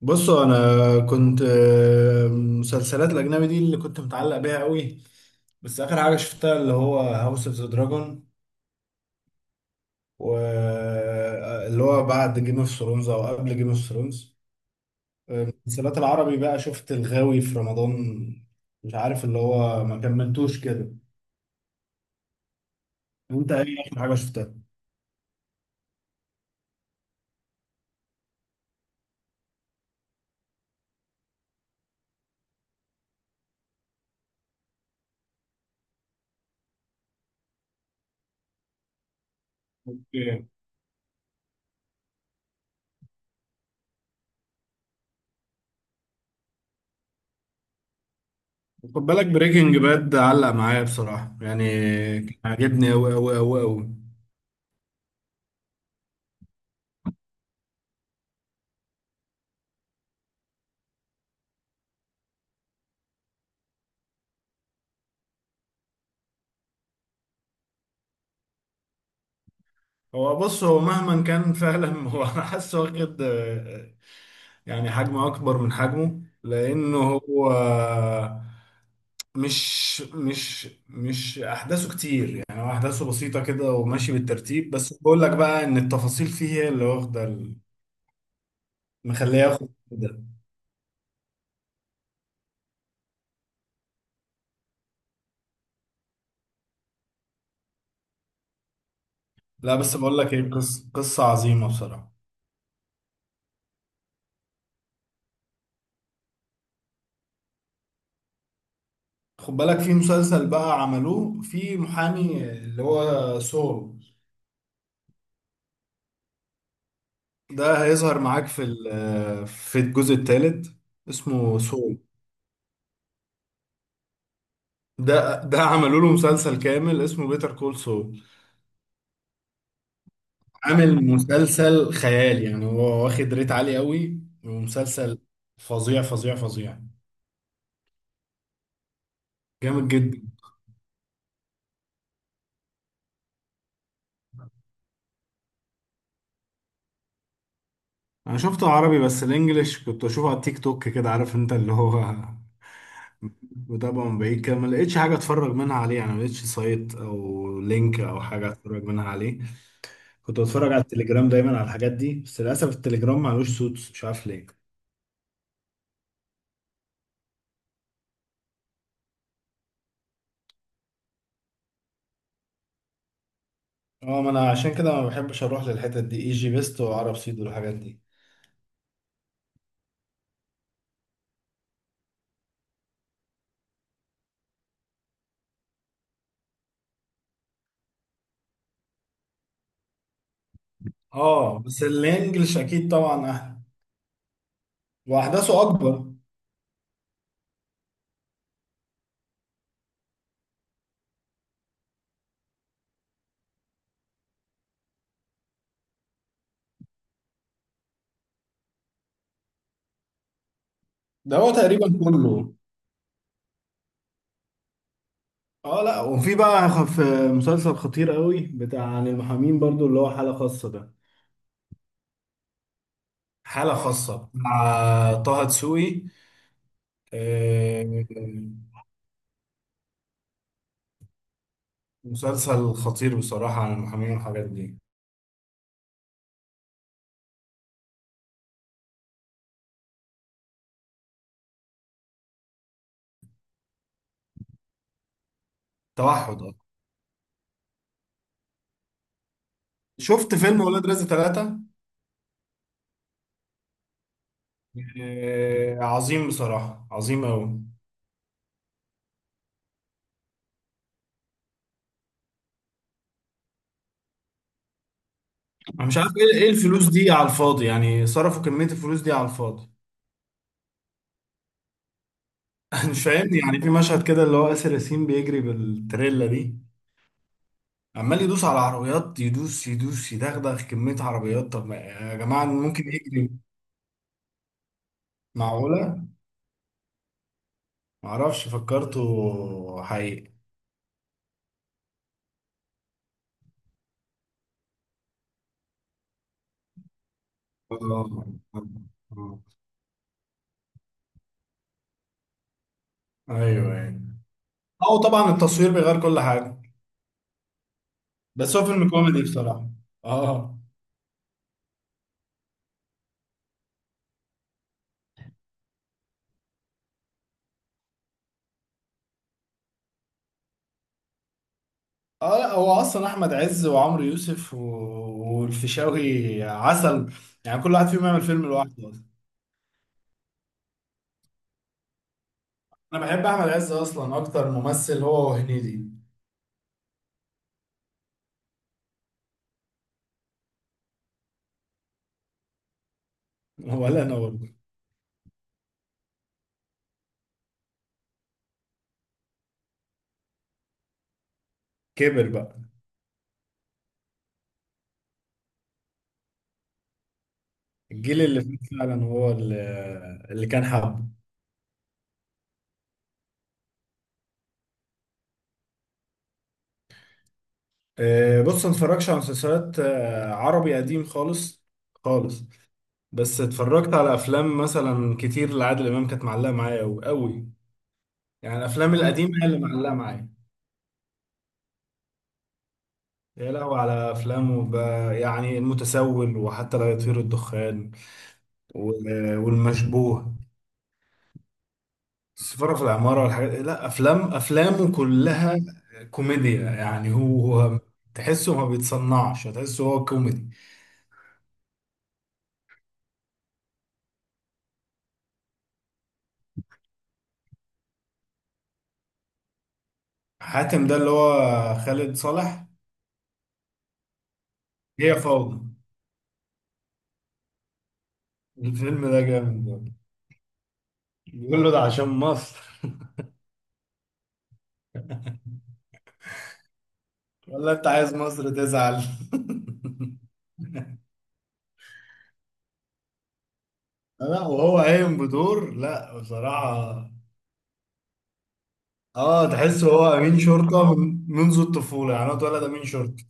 بصوا انا كنت مسلسلات الاجنبي دي اللي كنت متعلق بيها قوي. بس اخر حاجه شفتها اللي هو هاوس اوف ذا دراجون، واللي هو بعد جيم اوف ثرونز او قبل جيم اوف ثرونز. المسلسلات العربي بقى شفت الغاوي في رمضان، مش عارف اللي هو ما كملتوش كده. انت ايه اخر حاجه شفتها؟ اوكي. خد بالك بريكنج باد علق معايا بصراحه يعني، كان عاجبني قوي قوي قوي قوي. هو بص، هو مهما كان فعلا هو انا حاسه واخد يعني حجم اكبر من حجمه، لانه هو مش احداثه كتير يعني. هو احداثه بسيطه كده وماشي بالترتيب، بس بقول لك بقى ان التفاصيل فيه هي اللي واخده مخليه ياخد ده. لا، بس بقول لك ايه، قصه عظيمه بصراحه. خد بالك في مسلسل بقى عملوه في محامي اللي هو سول، ده هيظهر معاك في في الجزء الثالث، اسمه سول. ده عملوا له مسلسل كامل اسمه بيتر كول سول. عامل مسلسل خيال يعني، هو واخد ريت عالي قوي، ومسلسل فظيع فظيع فظيع. جامد جدا. انا شفته عربي، بس الانجليش كنت اشوفه على التيك توك كده، عارف انت اللي هو متابعه من بعيد كده، ما لقيتش حاجه اتفرج منها عليه يعني، ما لقيتش سايت او لينك او حاجه اتفرج منها عليه. كنت بتفرج على التليجرام دايما على الحاجات دي، بس للاسف التليجرام معلوش صوت، مش عارف ليه. اه، ما انا عشان كده ما بحبش اروح للحتت دي، ايجي بيست وعرب سيد والحاجات دي. اه بس الانجليش اكيد طبعا احلى، واحداثه اكبر. ده هو تقريبا كله. اه لا، وفي بقى خف مسلسل خطير قوي بتاع عن المحامين برضو، اللي هو حالة خاصة ده. حالة خاصة مع طه دسوقي. آه، مسلسل خطير بصراحة عن المحامين والحاجات دي. توحد. شفت فيلم ولاد رزق ثلاثة؟ آه عظيم بصراحة، عظيم أوي. أنا مش عارف إيه الفلوس دي على الفاضي يعني، صرفوا كمية الفلوس دي على الفاضي. مش فاهمني، يعني في مشهد كده اللي هو آسر ياسين بيجري بالتريلا دي، عمال يدوس على عربيات، يدوس يدوس، يدغدغ كمية عربيات، طب ما يا جماعة ممكن يجري. معقولة؟ معرفش، فكرته حقيقي. آه. آه. آه. أيوه أيوه. أو طبعا التصوير بيغير كل حاجة. بس هو فيلم كوميدي بصراحة. آه. اه لا، هو اصلا احمد عز وعمرو يوسف والفيشاوي عسل، يعني كل واحد فيهم يعمل فيلم لوحده اصلا. انا بحب احمد عز اصلا اكتر ممثل، هو وهنيدي. ولا انا برضه. كبر بقى. الجيل اللي فات فعلا هو اللي كان حبه. بص، ما اتفرجش على مسلسلات عربي قديم خالص، خالص. بس اتفرجت على افلام مثلا كتير لعادل امام كانت معلقه معايا قوي قوي، يعني الافلام القديمه هي اللي معلقه معايا. يا لهوي على افلام يعني المتسول، وحتى لا يطير الدخان، والمشبوه. السفارة في العمارة والحاجات، لا افلام، افلامه كلها كوميديا، يعني هو تحسه ما بيتصنعش، تحسه هو كوميدي. حاتم ده اللي هو خالد صالح. هي فوضى. الفيلم ده جامد برضه. بيقول له ده عشان مصر. ولا انت عايز مصر تزعل؟ لا، وهو قايم بدور، لا بصراحة. اه، تحس هو امين شرطه من منذ الطفوله، يعني هو اتولد امين شرطه.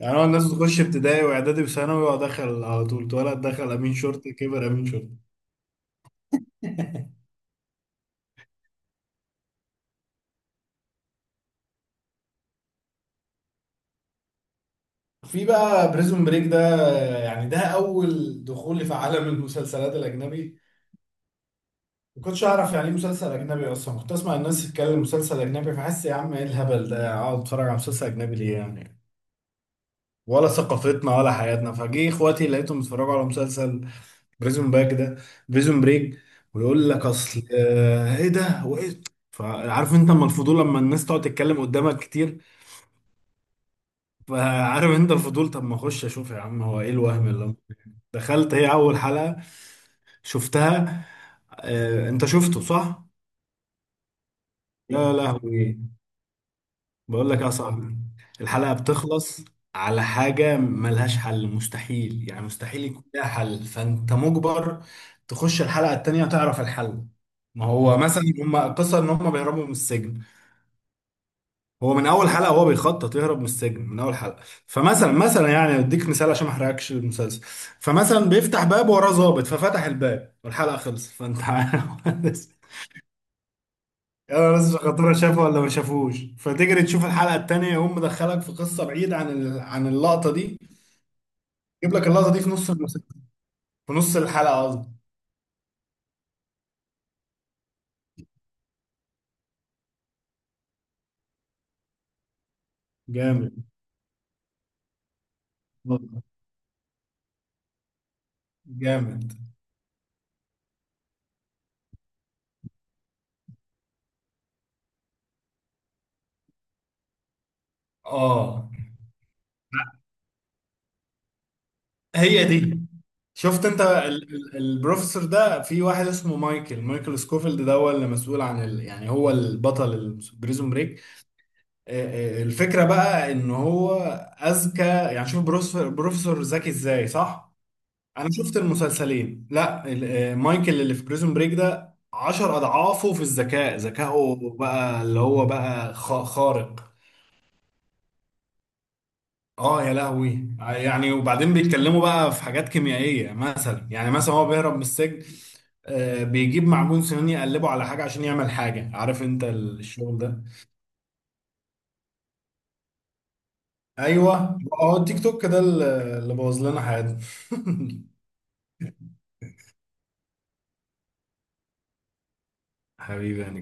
يعني هو الناس بتخش ابتدائي واعدادي وثانوي، هو دخل على طول، اتولد دخل امين شرطه، كبر امين شرطه. في بقى بريزون بريك ده، يعني ده اول دخولي في عالم المسلسلات الاجنبي. ما كنتش اعرف يعني ايه مسلسل اجنبي اصلا. كنت اسمع الناس تتكلم مسلسل اجنبي، فحس يا عم ايه الهبل ده، اقعد اتفرج على مسلسل اجنبي ليه يعني، ولا ثقافتنا ولا حياتنا. فجه اخواتي لقيتهم بيتفرجوا على مسلسل بريزون باك ده، بريزون بريك، ويقول لك اصل ايه ده وايه. فعارف انت اما الفضول لما الناس تقعد تتكلم قدامك كتير، فعارف انت الفضول، طب ما اخش اشوف يا عم هو ايه الوهم اللي أنا فيه؟ دخلت هي اول حلقة شفتها. انت شفته صح؟ يا لهوي، بقول لك يا صاحبي، الحلقة بتخلص على حاجة ملهاش حل، مستحيل يعني مستحيل يكون لها حل، فأنت مجبر تخش الحلقة التانية تعرف الحل. ما هو مثلا هم قصة إن هم بيهربوا من السجن، هو من أول حلقة هو بيخطط يهرب من السجن من أول حلقة. فمثلا، مثلا يعني أديك مثال عشان ما أحرقكش المسلسل، فمثلا بيفتح باب وراه ظابط، ففتح الباب والحلقة خلصت، فأنت عارف، يا ناس خطورة شافوا ولا ما شافوش، فتجري تشوف الحلقة التانية، يقوم مدخلك في قصة بعيدة عن عن اللقطة دي، يجيب لك اللقطة دي في نص المسلسل، في نص الحلقة قصدي. جامد والله. جامد. اه، هي دي. شفت انت البروفيسور ده؟ في واحد اسمه مايكل، مايكل سكوفيلد، ده هو اللي مسؤول عن يعني هو البطل البريزون بريك. الفكرة بقى ان هو اذكى، يعني شوف بروفيسور ذكي ازاي صح. انا شفت المسلسلين، لا مايكل اللي في بريزون بريك ده 10 أضعافه في الذكاء، ذكائه بقى اللي هو بقى خارق. اه يا لهوي يعني. وبعدين بيتكلموا بقى في حاجات كيميائية مثلا، يعني مثلا هو بيهرب من السجن، بيجيب معجون سنان يقلبه على حاجة عشان يعمل حاجة، عارف انت الشغل ده. ايوه، هو التيك توك ده اللي بوظ لنا حياتنا. حبيبي يعني.